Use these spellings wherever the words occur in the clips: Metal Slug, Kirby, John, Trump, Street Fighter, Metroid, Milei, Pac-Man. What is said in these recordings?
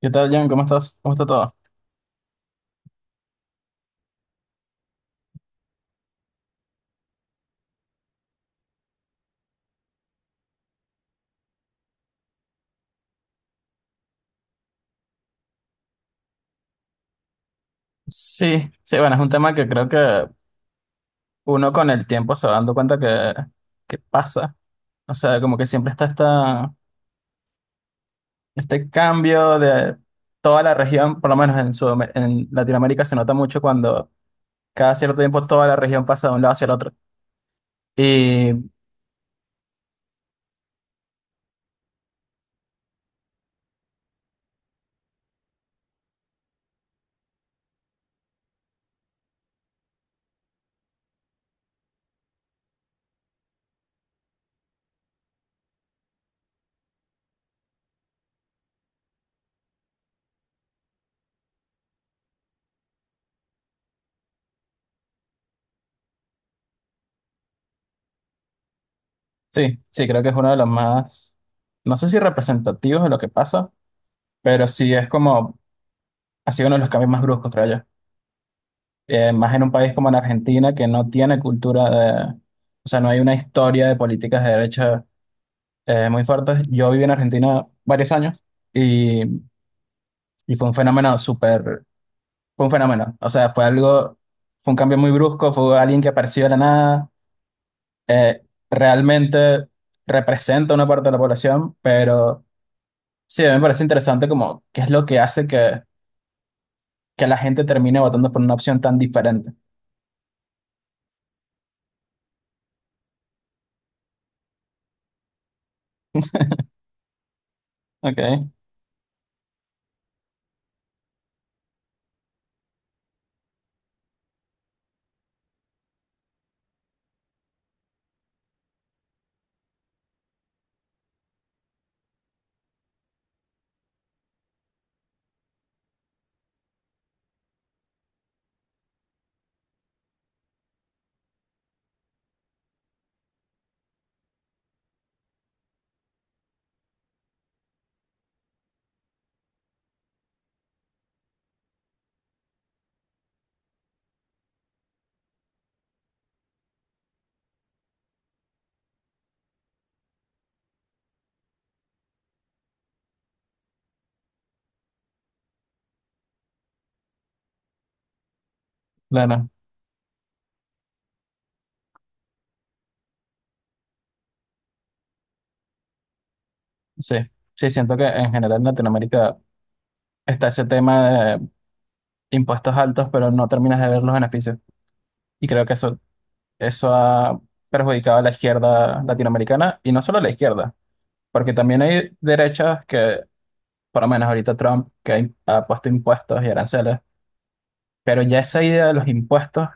¿Qué tal, John? ¿Cómo estás? ¿Cómo está todo? Sí, sí, bueno, es un tema que creo que uno con el tiempo se va dando cuenta que pasa. O sea, como que siempre está este cambio de toda la región, por lo menos en Sudam- en Latinoamérica se nota mucho cuando cada cierto tiempo toda la región pasa de un lado hacia el otro. Y sí, sí, creo que es uno de los más, no sé si representativos de lo que pasa, pero sí es como, ha sido uno de los cambios más bruscos, creo yo. Más en un país como en Argentina que no tiene cultura de, o sea, no hay una historia de políticas de derecha muy fuertes. Yo viví en Argentina varios años y, y fue un fenómeno súper, fue un fenómeno, o sea, fue algo, fue un cambio muy brusco, fue alguien que apareció de la nada, eh, realmente representa una parte de la población, pero sí, a mí me parece interesante como qué es lo que hace que la gente termine votando por una opción tan diferente. Ok, claro, sí. Sí, siento que en general en Latinoamérica está ese tema de impuestos altos, pero no terminas de ver los beneficios. Y creo que eso ha perjudicado a la izquierda latinoamericana y no solo a la izquierda, porque también hay derechas por lo menos ahorita Trump, que ha im- ha puesto impuestos y aranceles, pero ya esa idea de los impuestos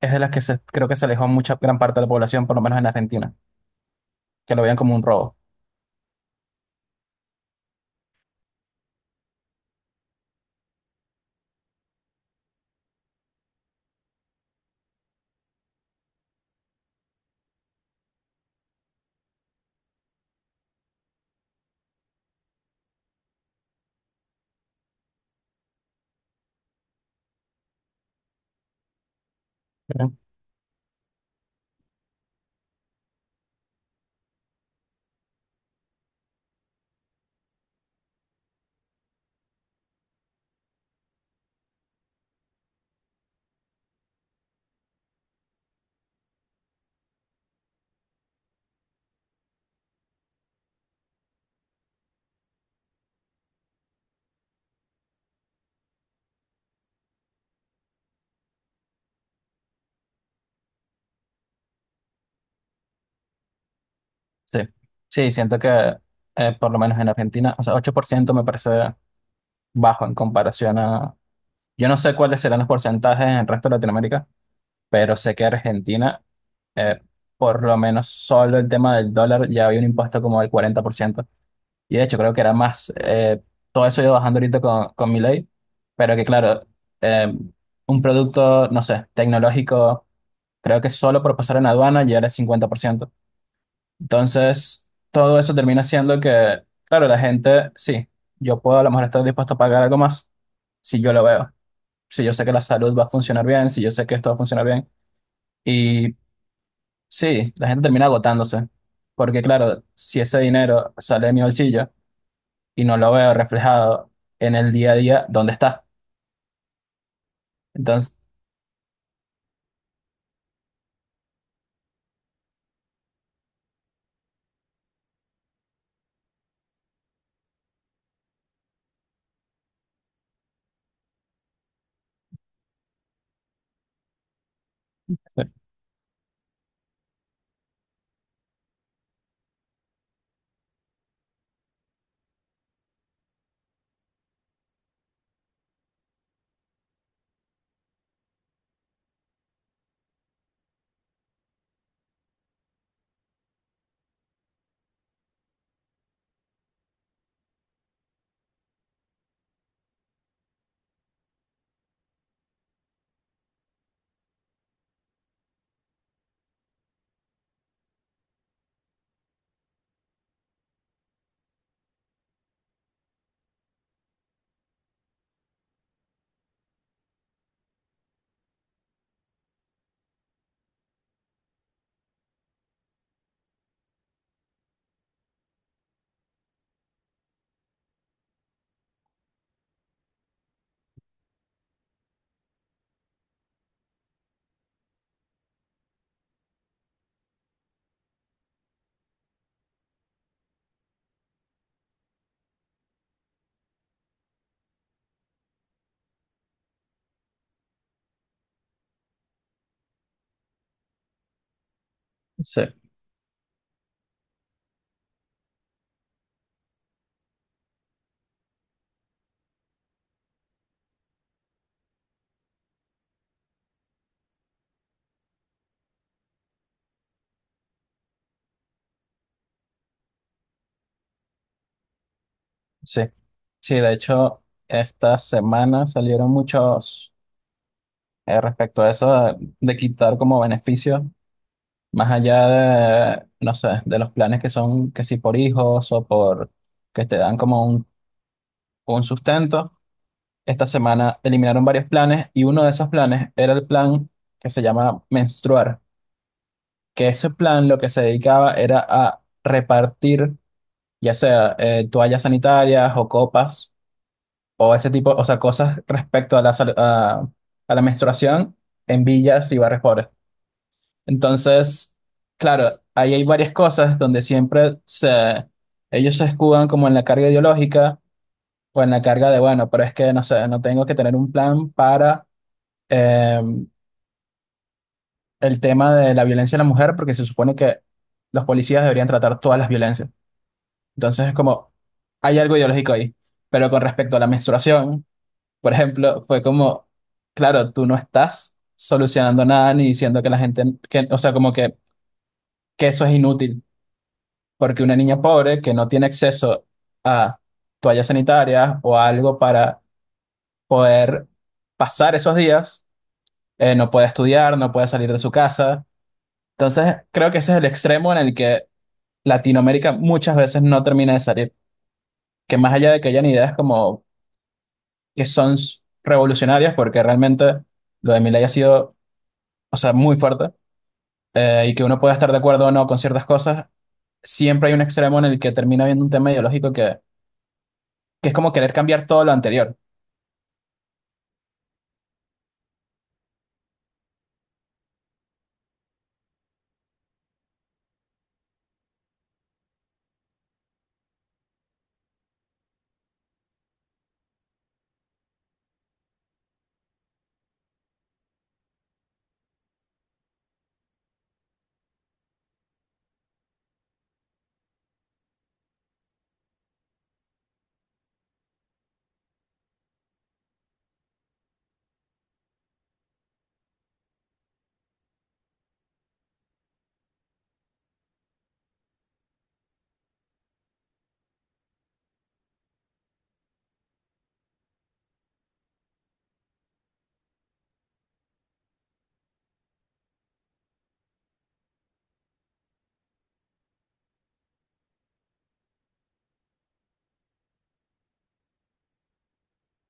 es de las que se, creo que se alejó mucha gran parte de la población, por lo menos en Argentina, que lo veían como un robo. Ujú. Sí, sí, siento que por lo menos en Argentina, o sea, 8% me parece bajo en comparación a. Yo no sé cuáles serán los porcentajes en el resto de Latinoamérica, pero sé que Argentina, eh, por lo menos solo el tema del dólar, ya había un impuesto como del 40%. Y de hecho, creo que era más. Todo eso iba bajando ahorita con Milei, pero que claro, eh, un producto, no sé, tecnológico, creo que solo por pasar en aduana ya era el 50%. Entonces, todo eso termina siendo que, claro, la gente, sí, yo puedo a lo mejor estar dispuesto a pagar algo más si yo lo veo, si yo sé que la salud va a funcionar bien, si yo sé que esto va a funcionar bien. Y sí, la gente termina agotándose, porque claro, si ese dinero sale de mi bolsillo y no lo veo reflejado en el día a día, ¿dónde está? Entonces, sí, sí, sí, de hecho, esta semana salieron muchos respecto a eso de quitar como beneficio, más allá de, no sé, de los planes que son que si por hijos o por que te dan como un sustento. Esta semana eliminaron varios planes y uno de esos planes era el plan que se llama menstruar, que ese plan lo que se dedicaba era a repartir ya sea toallas sanitarias o copas o ese tipo, o sea, cosas respecto a la, sal- a la menstruación en villas y barrios pobres. Entonces, claro, ahí hay varias cosas donde siempre se, ellos se escudan como en la carga ideológica o en la carga de, bueno, pero es que no sé, no tengo que tener un plan para em, el tema de la violencia a la mujer porque se supone que los policías deberían tratar todas las violencias. Entonces es como, hay algo ideológico ahí. Pero con respecto a la menstruación, por ejemplo, fue como, claro, tú no estás solucionando nada ni diciendo que la gente, que, o sea, como que eso es inútil, porque una niña pobre que no tiene acceso a toallas sanitarias o a algo para poder pasar esos días, no puede estudiar, no puede salir de su casa. Entonces, creo que ese es el extremo en el que Latinoamérica muchas veces no termina de salir. Que más allá de que hayan ideas como que son s- revolucionarias, porque realmente lo de Milei ha sido, o sea, muy fuerte, y que uno pueda estar de acuerdo o no con ciertas cosas, siempre hay un extremo en el que termina habiendo un tema ideológico que es como querer cambiar todo lo anterior.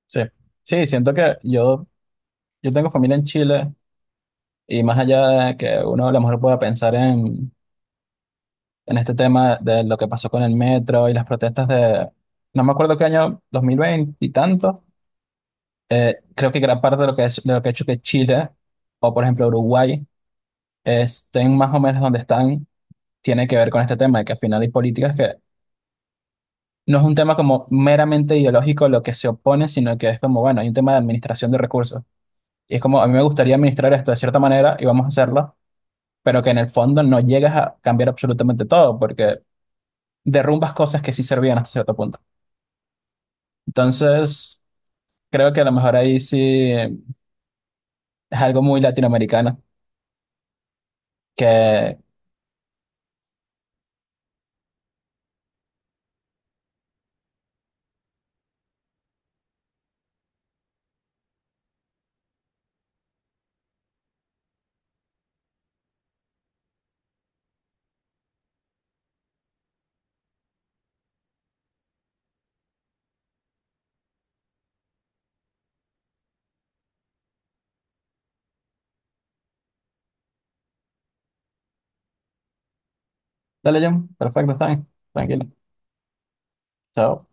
Sí, sí, siento que yo tengo familia en Chile, y más allá de que uno a lo mejor pueda pensar en este tema de lo que pasó con el metro y las protestas de, no me acuerdo qué año, 2020 y tantos. Creo que gran parte de lo que es, de lo que ha hecho que Chile o por ejemplo Uruguay estén más o menos donde están tiene que ver con este tema de que al final hay políticas que no es un tema como meramente ideológico lo que se opone, sino que es como, bueno, hay un tema de administración de recursos. Y es como, a mí me gustaría administrar esto de cierta manera y vamos a hacerlo, pero que en el fondo no llegas a cambiar absolutamente todo porque derrumbas cosas que sí servían hasta cierto punto. Entonces, creo que a lo mejor ahí sí es algo muy latinoamericano. Que dale, John. Perfecto, está bien. Tranquilo. Chao.